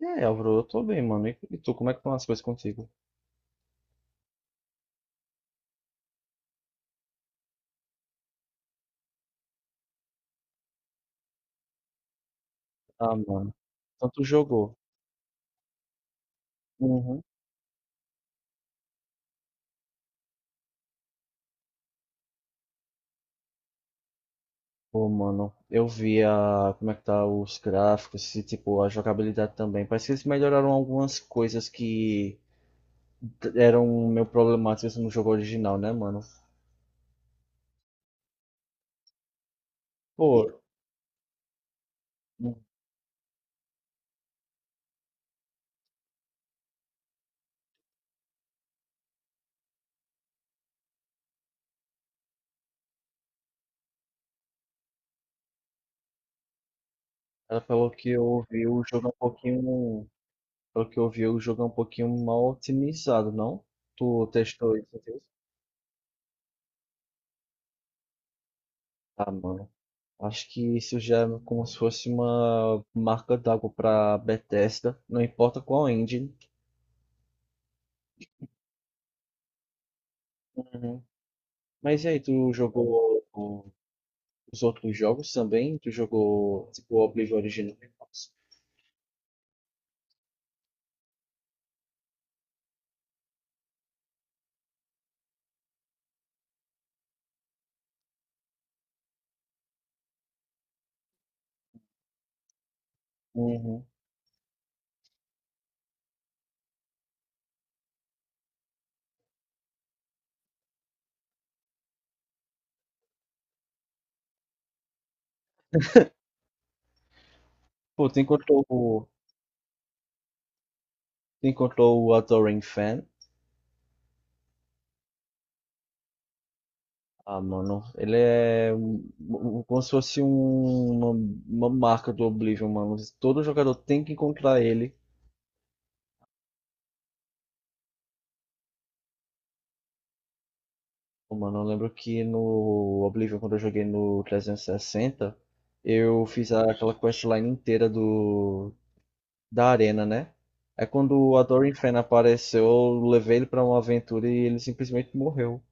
É, Álvaro, eu tô bem, mano. E tu, como é que estão as coisas contigo? Ah, mano. Então tu jogou. Uhum. Pô, mano, eu vi a, como é que tá os gráficos e, tipo, a jogabilidade também. Parece que eles melhoraram algumas coisas que eram meio problemáticas no jogo original, né, mano? Pô, ela falou que eu vi o jogo um pouquinho. Pelo que eu vi, o jogo é um pouquinho mal otimizado, não? Tu testou isso? Entendeu? Ah, mano. Acho que isso já é como se fosse uma marca d'água para Bethesda, não importa qual engine. Uhum. Mas e aí, tu jogou os outros jogos também? Tu jogou tipo, o Oblivion original? Uhum. Pô, tu encontrou o Adoring Fan? Ah, mano, ele é como se fosse uma marca do Oblivion, mano. Todo jogador tem que encontrar ele. Pô, mano, eu lembro que no Oblivion, quando eu joguei no 360, eu fiz aquela questline inteira do da arena, né? É quando o Adoring Fen apareceu, eu levei ele pra uma aventura e ele simplesmente morreu.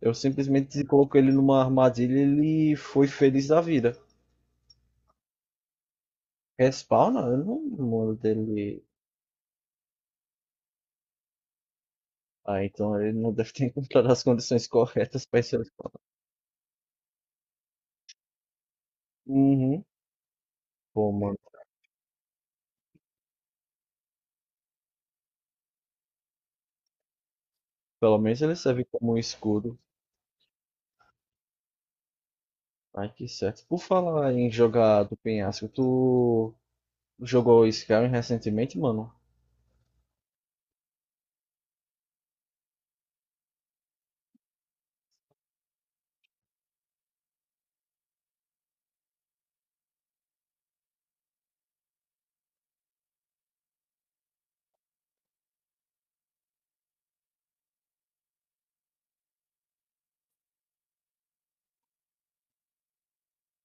Eu simplesmente coloquei ele numa armadilha e ele foi feliz da vida. Respawna? Eu não lembro dele. Ah, então ele não deve ter encontrado as condições corretas pra esse respawn. Uhum. Pô, mano, pelo menos ele serve como um escudo. Ai, que certo. Por falar em jogar do penhasco, tu jogou Skyrim recentemente, mano?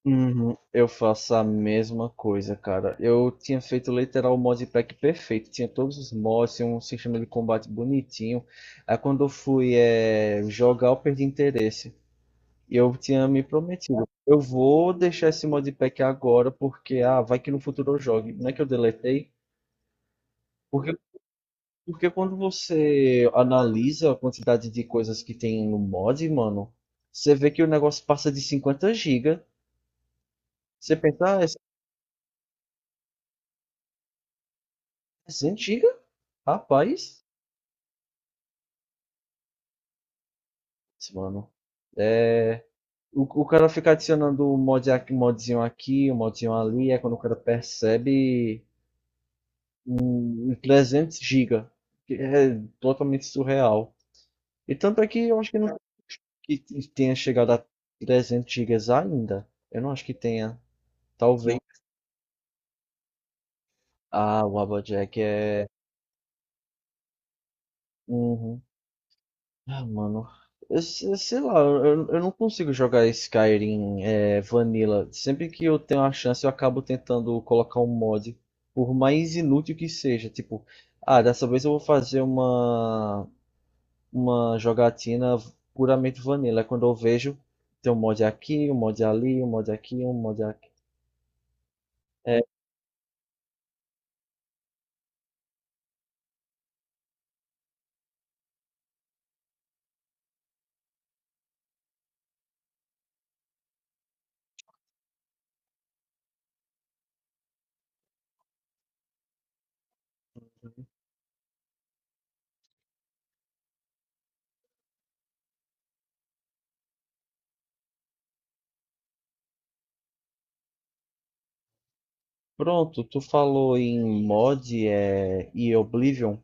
Uhum, eu faço a mesma coisa, cara. Eu tinha feito literal o modpack perfeito, tinha todos os mods, tinha um sistema de combate bonitinho. Aí quando eu fui jogar, eu perdi interesse. E eu tinha me prometido, eu vou deixar esse modpack agora porque ah, vai que no futuro eu jogue. Não é que eu deletei, porque porque quando você analisa a quantidade de coisas que tem no mod, mano, você vê que o negócio passa de 50 gigas. Você pensa, ah, é 100 giga? Rapaz, mano. É, o cara fica adicionando um mod, um modzinho aqui, um modzinho ali, é quando o cara percebe 300 gigas, que é totalmente surreal. E tanto é que eu acho que não que tenha chegado a 300 gigas ainda. Eu não acho que tenha. Talvez. Ah, o Applejack é. Uhum. Ah, mano. Eu, se- sei lá, eu não consigo jogar Skyrim Vanilla. Sempre que eu tenho a chance, eu acabo tentando colocar um mod, por mais inútil que seja. Tipo, ah, dessa vez eu vou fazer uma jogatina puramente Vanilla. É quando eu vejo, tem um mod aqui, um mod ali, um mod aqui, um mod aqui. É, Pronto, tu falou em mod e Oblivion.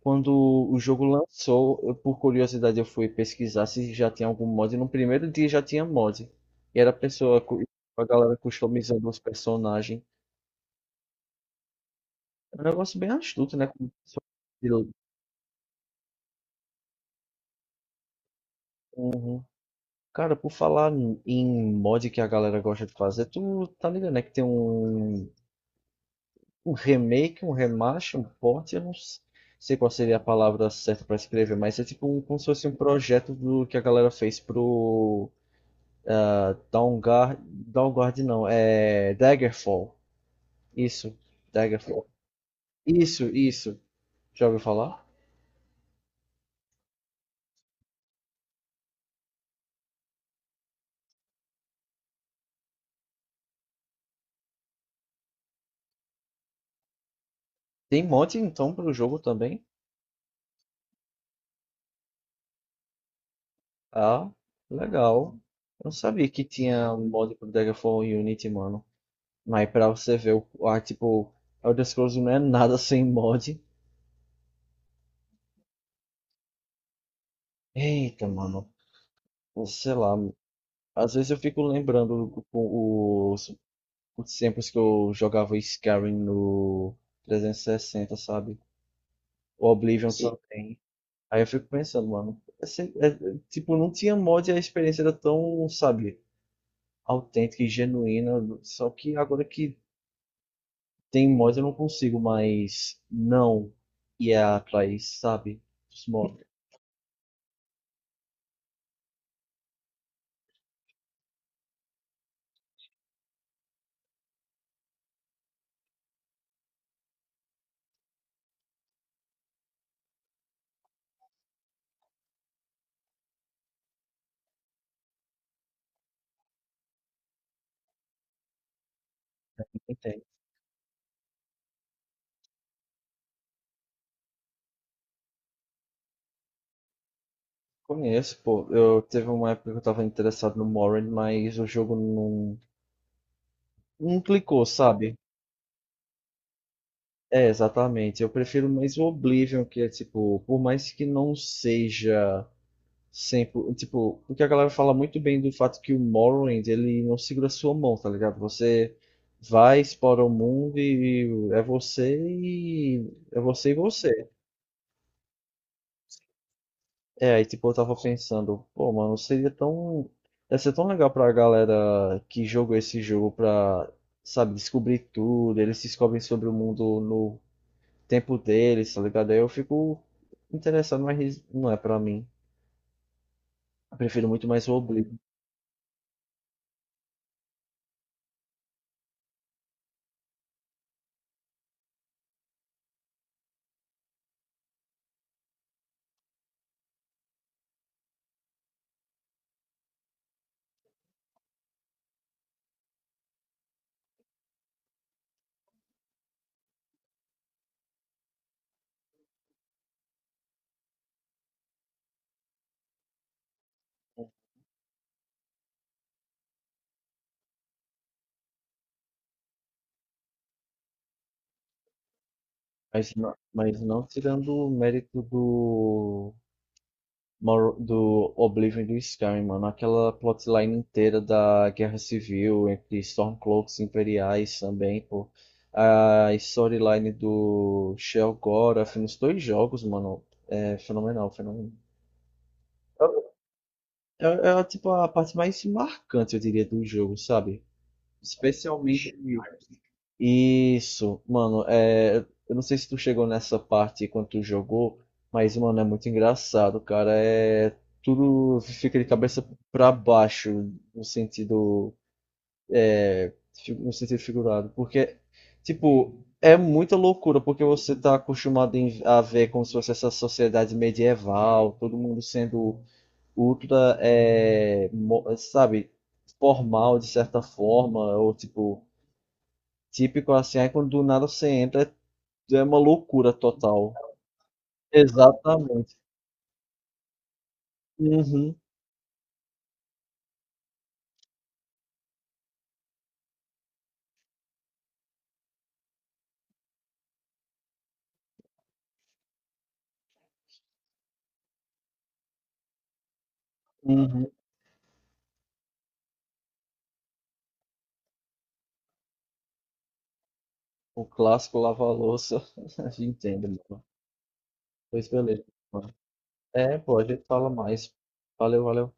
Quando o jogo lançou, eu, por curiosidade, eu fui pesquisar se já tinha algum mod. No primeiro dia já tinha mod. E era a pessoa, a galera customizando os personagens. É um negócio bem astuto, né? Como pessoa. Uhum. Cara, por falar em mod que a galera gosta de fazer, tu tá ligado, né? Que tem um um remake, um remaster, um port, eu não sei qual seria a palavra certa pra escrever, mas é tipo um, como se fosse um projeto do que a galera fez pro Downguard, Downguard não, é Daggerfall. Isso, Daggerfall. Isso, isso. Já ouviu falar? Tem mod então pro jogo também? Ah, legal. Eu não sabia que tinha mod pro Daggerfall e Unity, mano. Mas pra você ver, o, ah, tipo, Elder Scrolls não é nada sem mod. Eita, mano. Sei lá, às vezes eu fico lembrando os, os tempos que eu jogava Skyrim no 360, sabe? O Oblivion. Sim. Só. Aí eu fico pensando, mano, tipo, não tinha mod e a experiência era tão, sabe, autêntica e genuína. Só que agora que tem mod eu não consigo mais não ir atrás, sabe? Os mods que não tem. Conheço, pô. Eu teve uma época que eu tava interessado no Morrowind, mas o jogo não, não clicou, sabe? É, exatamente. Eu prefiro mais o Oblivion, que é tipo, por mais que não seja sempre, tipo, porque a galera fala muito bem do fato que o Morrowind, ele não segura a sua mão, tá ligado? Você vai, explora o mundo e é você e é você e você. É, aí tipo, eu tava pensando, pô, mano, seria tão ia ser tão legal pra galera que jogou esse jogo pra, sabe, descobrir tudo, eles descobrem sobre o mundo no tempo deles, tá ligado? Aí eu fico interessado, mas não é pra mim. Eu prefiro muito mais o Oblivion. Mas não tirando o mérito do, do Oblivion e do Skyrim, mano. Aquela plotline inteira da Guerra Civil entre Stormcloaks e Imperiais também, pô. A storyline do Shel'Gorath nos dois jogos, mano, é fenomenal, fenomenal. Tipo a parte mais marcante, eu diria, do jogo, sabe? Especialmente isso, mano, é, eu não sei se tu chegou nessa parte quando tu jogou, mas, mano, é muito engraçado, cara. É, tudo fica de cabeça pra baixo, no sentido, no sentido figurado. Porque, tipo, é muita loucura, porque você tá acostumado a ver como se fosse essa sociedade medieval, todo mundo sendo ultra, é, sabe, formal de certa forma, ou tipo, típico assim, aí quando do nada você entra é uma loucura total. Exatamente. Uhum, uhum. O clássico lava-louça, a gente entende, mano. Pois beleza. Mano. É, pô, a gente fala mais. Valeu, valeu.